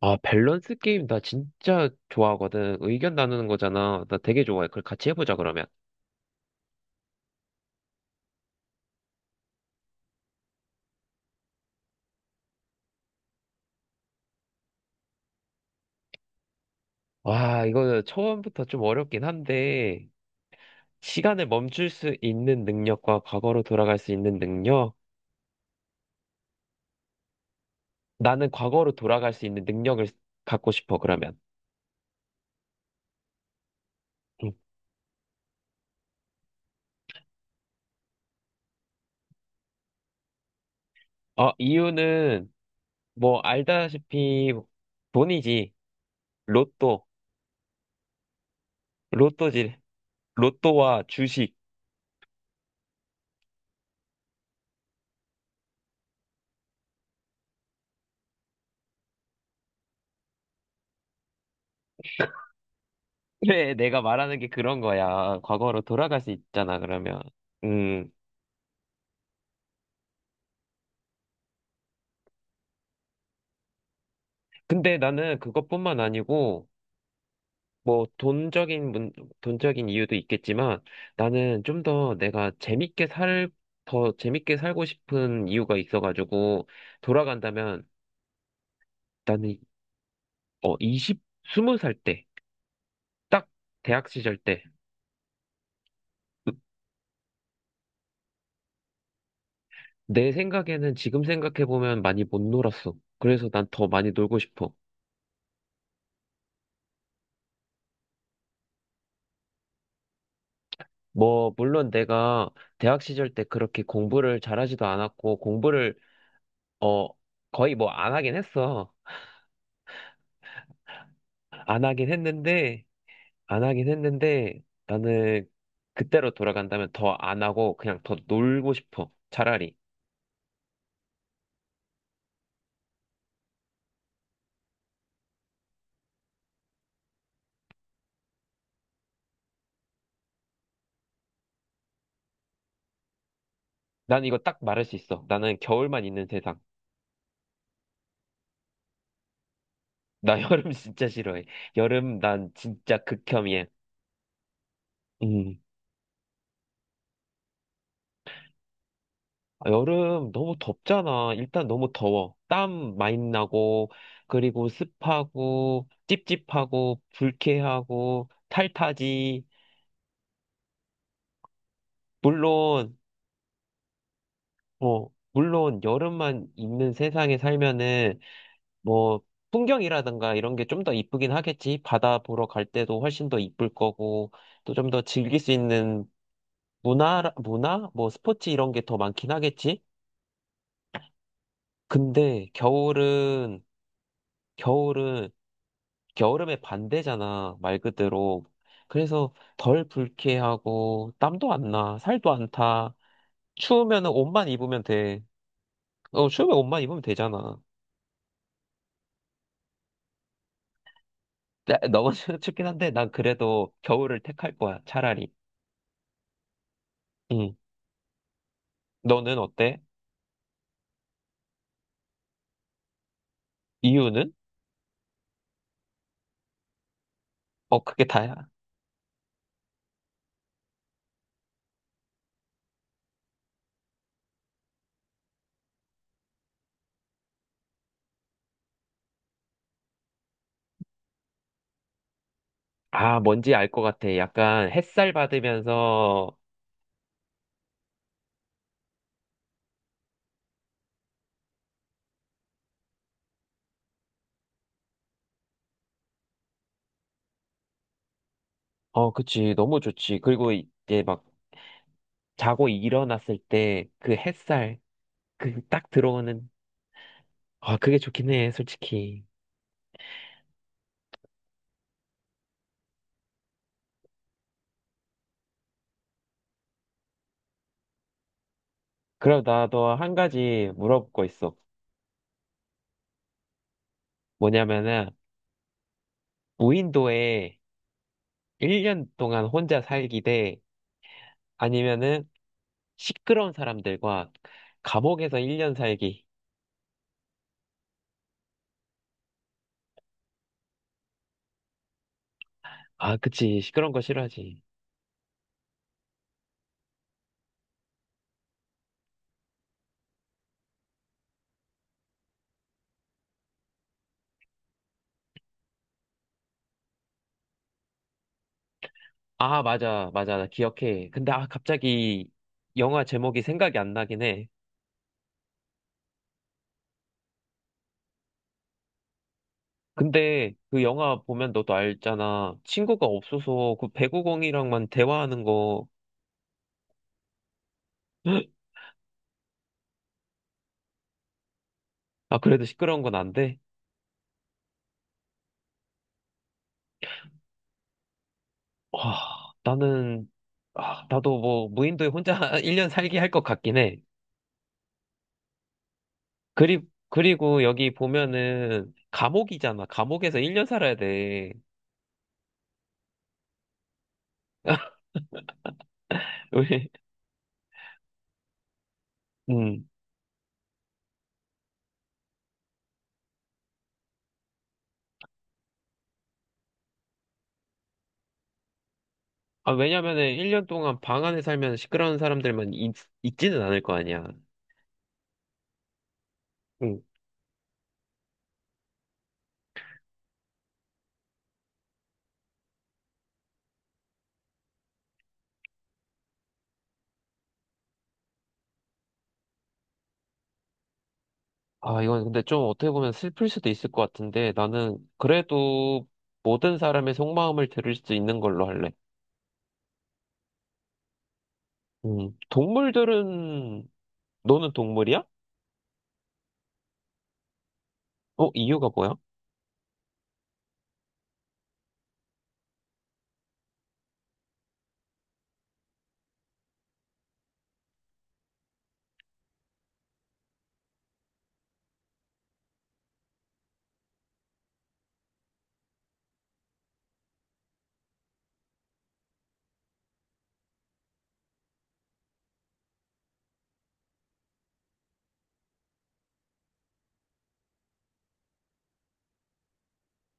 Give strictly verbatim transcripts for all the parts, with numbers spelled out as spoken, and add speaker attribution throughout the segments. Speaker 1: 아, 밸런스 게임 나 진짜 좋아하거든. 의견 나누는 거잖아. 나 되게 좋아해. 그걸 같이 해보자, 그러면. 와, 이거 처음부터 좀 어렵긴 한데, 시간을 멈출 수 있는 능력과 과거로 돌아갈 수 있는 능력? 나는 과거로 돌아갈 수 있는 능력을 갖고 싶어, 그러면. 응. 어, 이유는, 뭐, 알다시피, 돈이지. 로또. 로또지. 로또와 주식. 그래, 내가 말하는 게 그런 거야. 과거로 돌아갈 수 있잖아, 그러면. 음. 근데 나는 그것뿐만 아니고, 뭐, 돈적인, 문, 돈적인 이유도 있겠지만, 나는 좀 더 내가 재밌게 살, 더 재밌게 살고 싶은 이유가 있어가지고, 돌아간다면, 나는, 어, 이십, 스무 살 때, 딱 대학 시절 때, 내 생각에는 지금 생각해보면 많이 못 놀았어. 그래서 난 더 많이 놀고 싶어. 뭐, 물론 내가 대학 시절 때 그렇게 공부를 잘하지도 않았고, 공부를, 어, 거의 뭐 안 하긴 했어. 안 하긴 했는데, 안 하긴 했는데, 나는 그때로 돌아간다면 더 안 하고 그냥 더 놀고 싶어. 차라리. 난 이거 딱 말할 수 있어. 나는 겨울만 있는 세상. 나 여름 진짜 싫어해. 여름 난 진짜 극혐이야. 음. 아, 여름 너무 덥잖아. 일단 너무 더워. 땀 많이 나고, 그리고 습하고, 찝찝하고, 불쾌하고, 탈타지. 물론, 어, 물론 여름만 있는 세상에 살면은 뭐 풍경이라든가 이런 게 좀 더 이쁘긴 하겠지. 바다 보러 갈 때도 훨씬 더 이쁠 거고 또 좀 더 즐길 수 있는 문화 문화 뭐 스포츠 이런 게 더 많긴 하겠지. 근데 겨울은 겨울은 겨울음의 반대잖아. 말 그대로. 그래서 덜 불쾌하고 땀도 안 나. 살도 안 타. 추우면은 옷만 입으면 돼. 어, 추우면 옷만 입으면 되잖아. 나- 너무 춥긴 한데 난 그래도 겨울을 택할 거야. 차라리. 응. 너는 어때? 이유는? 어, 그게 다야. 아, 뭔지 알 것 같아. 약간 햇살 받으면서, 어, 그치. 너무 좋지. 그리고 이제 막 자고 일어났을 때 그 햇살, 그 딱 들어오는, 아, 그게 좋긴 해, 솔직히. 그럼 나도 한 가지 물어볼 거 있어. 뭐냐면은, 무인도에 일 년 동안 혼자 살기 대, 아니면은 시끄러운 사람들과 감옥에서 일 년 살기. 아, 그치. 시끄러운 거 싫어하지. 아, 맞아, 맞아. 나 기억해. 근데 아, 갑자기 영화 제목이 생각이 안 나긴 해. 근데 그 영화 보면 너도 알잖아. 친구가 없어서 그 배구공이랑만 대화하는 거. 아, 그래도 시끄러운 건 안 돼? 와, 나는, 아, 나도 뭐 무인도에 혼자 일 년 살기 할 것 같긴 해. 그리, 그리고 여기 보면은 감옥이잖아. 감옥에서 일 년 살아야 돼. 왜? 음. 아, 왜냐면은 일 년 동안 방 안에 살면 시끄러운 사람들만 있, 있지는 않을 거 아니야. 응. 아, 이건 근데 좀 어떻게 보면 슬플 수도 있을 것 같은데 나는 그래도 모든 사람의 속마음을 들을 수 있는 걸로 할래. 음, 동물들은 너는 동물이야? 어, 이유가 뭐야?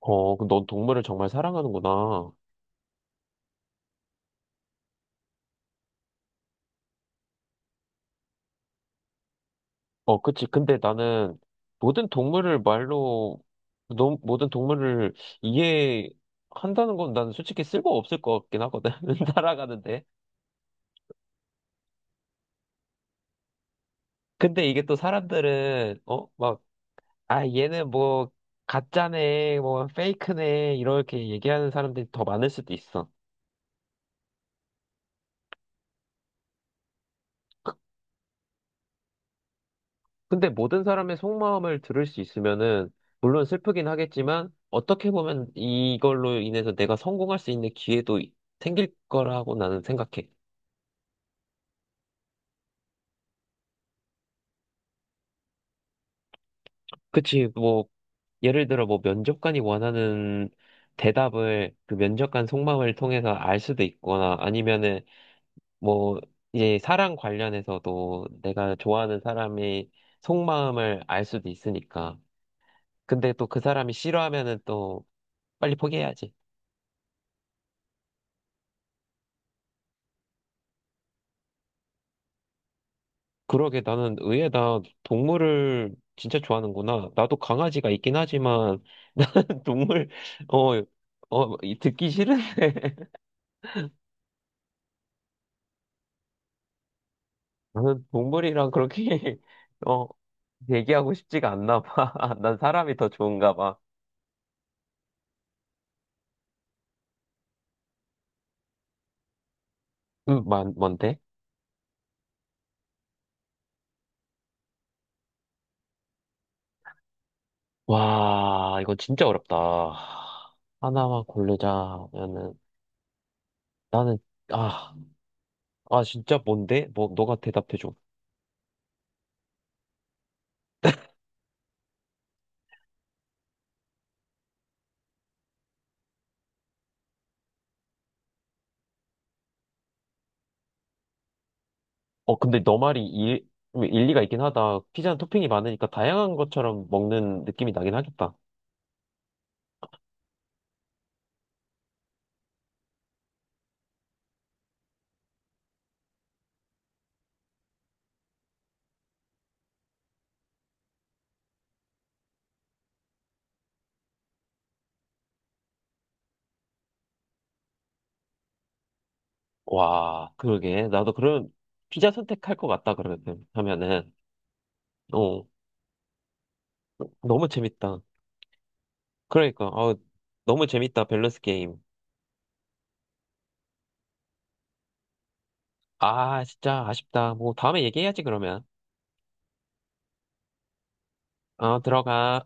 Speaker 1: 어, 그럼 넌 동물을 정말 사랑하는구나. 어, 그치. 근데 나는 모든 동물을 말로 너, 모든 동물을 이해한다는 건 난 솔직히 쓸모 없을 것 같긴 하거든. 살아가는데. 근데 이게 또 사람들은, 어, 막, 아, 얘는 뭐, 가짜네, 뭐, 페이크네, 이렇게 얘기하는 사람들이 더 많을 수도 있어. 근데 모든 사람의 속마음을 들을 수 있으면은, 물론 슬프긴 하겠지만, 어떻게 보면 이걸로 인해서 내가 성공할 수 있는 기회도 생길 거라고 나는 생각해. 그치, 뭐, 예를 들어, 뭐, 면접관이 원하는 대답을 그 면접관 속마음을 통해서 알 수도 있거나, 아니면은, 뭐, 이제 사랑 관련해서도 내가 좋아하는 사람의 속마음을 알 수도 있으니까. 근데 또 그 사람이 싫어하면은 또 빨리 포기해야지. 그러게 나는 의외다. 동물을 진짜 좋아하는구나. 나도 강아지가 있긴 하지만 나는 동물, 어, 어, 이- 듣기 싫은데. 나는 동물이랑 그렇게, 어, 얘기하고 싶지가 않나 봐. 난 사람이 더 좋은가 봐. 음, 뭔- 뭔데? 와, 이거 진짜 어렵다. 하나만 고르자면은, 나는, 아, 아, 진짜 뭔데? 뭐, 너가 대답해줘. 어, 근데 너 말이 일, 뭐 일리가 있긴 하다. 피자는 토핑이 많으니까 다양한 것처럼 먹는 느낌이 나긴 하겠다. 와, 그러게. 나도 그런 피자 선택할 것 같다, 그러면, 하면은. 어, 너무 재밌다. 그러니까, 어, 너무 재밌다, 밸런스 게임. 아, 진짜 아쉽다. 뭐, 다음에 얘기해야지, 그러면. 어, 들어가.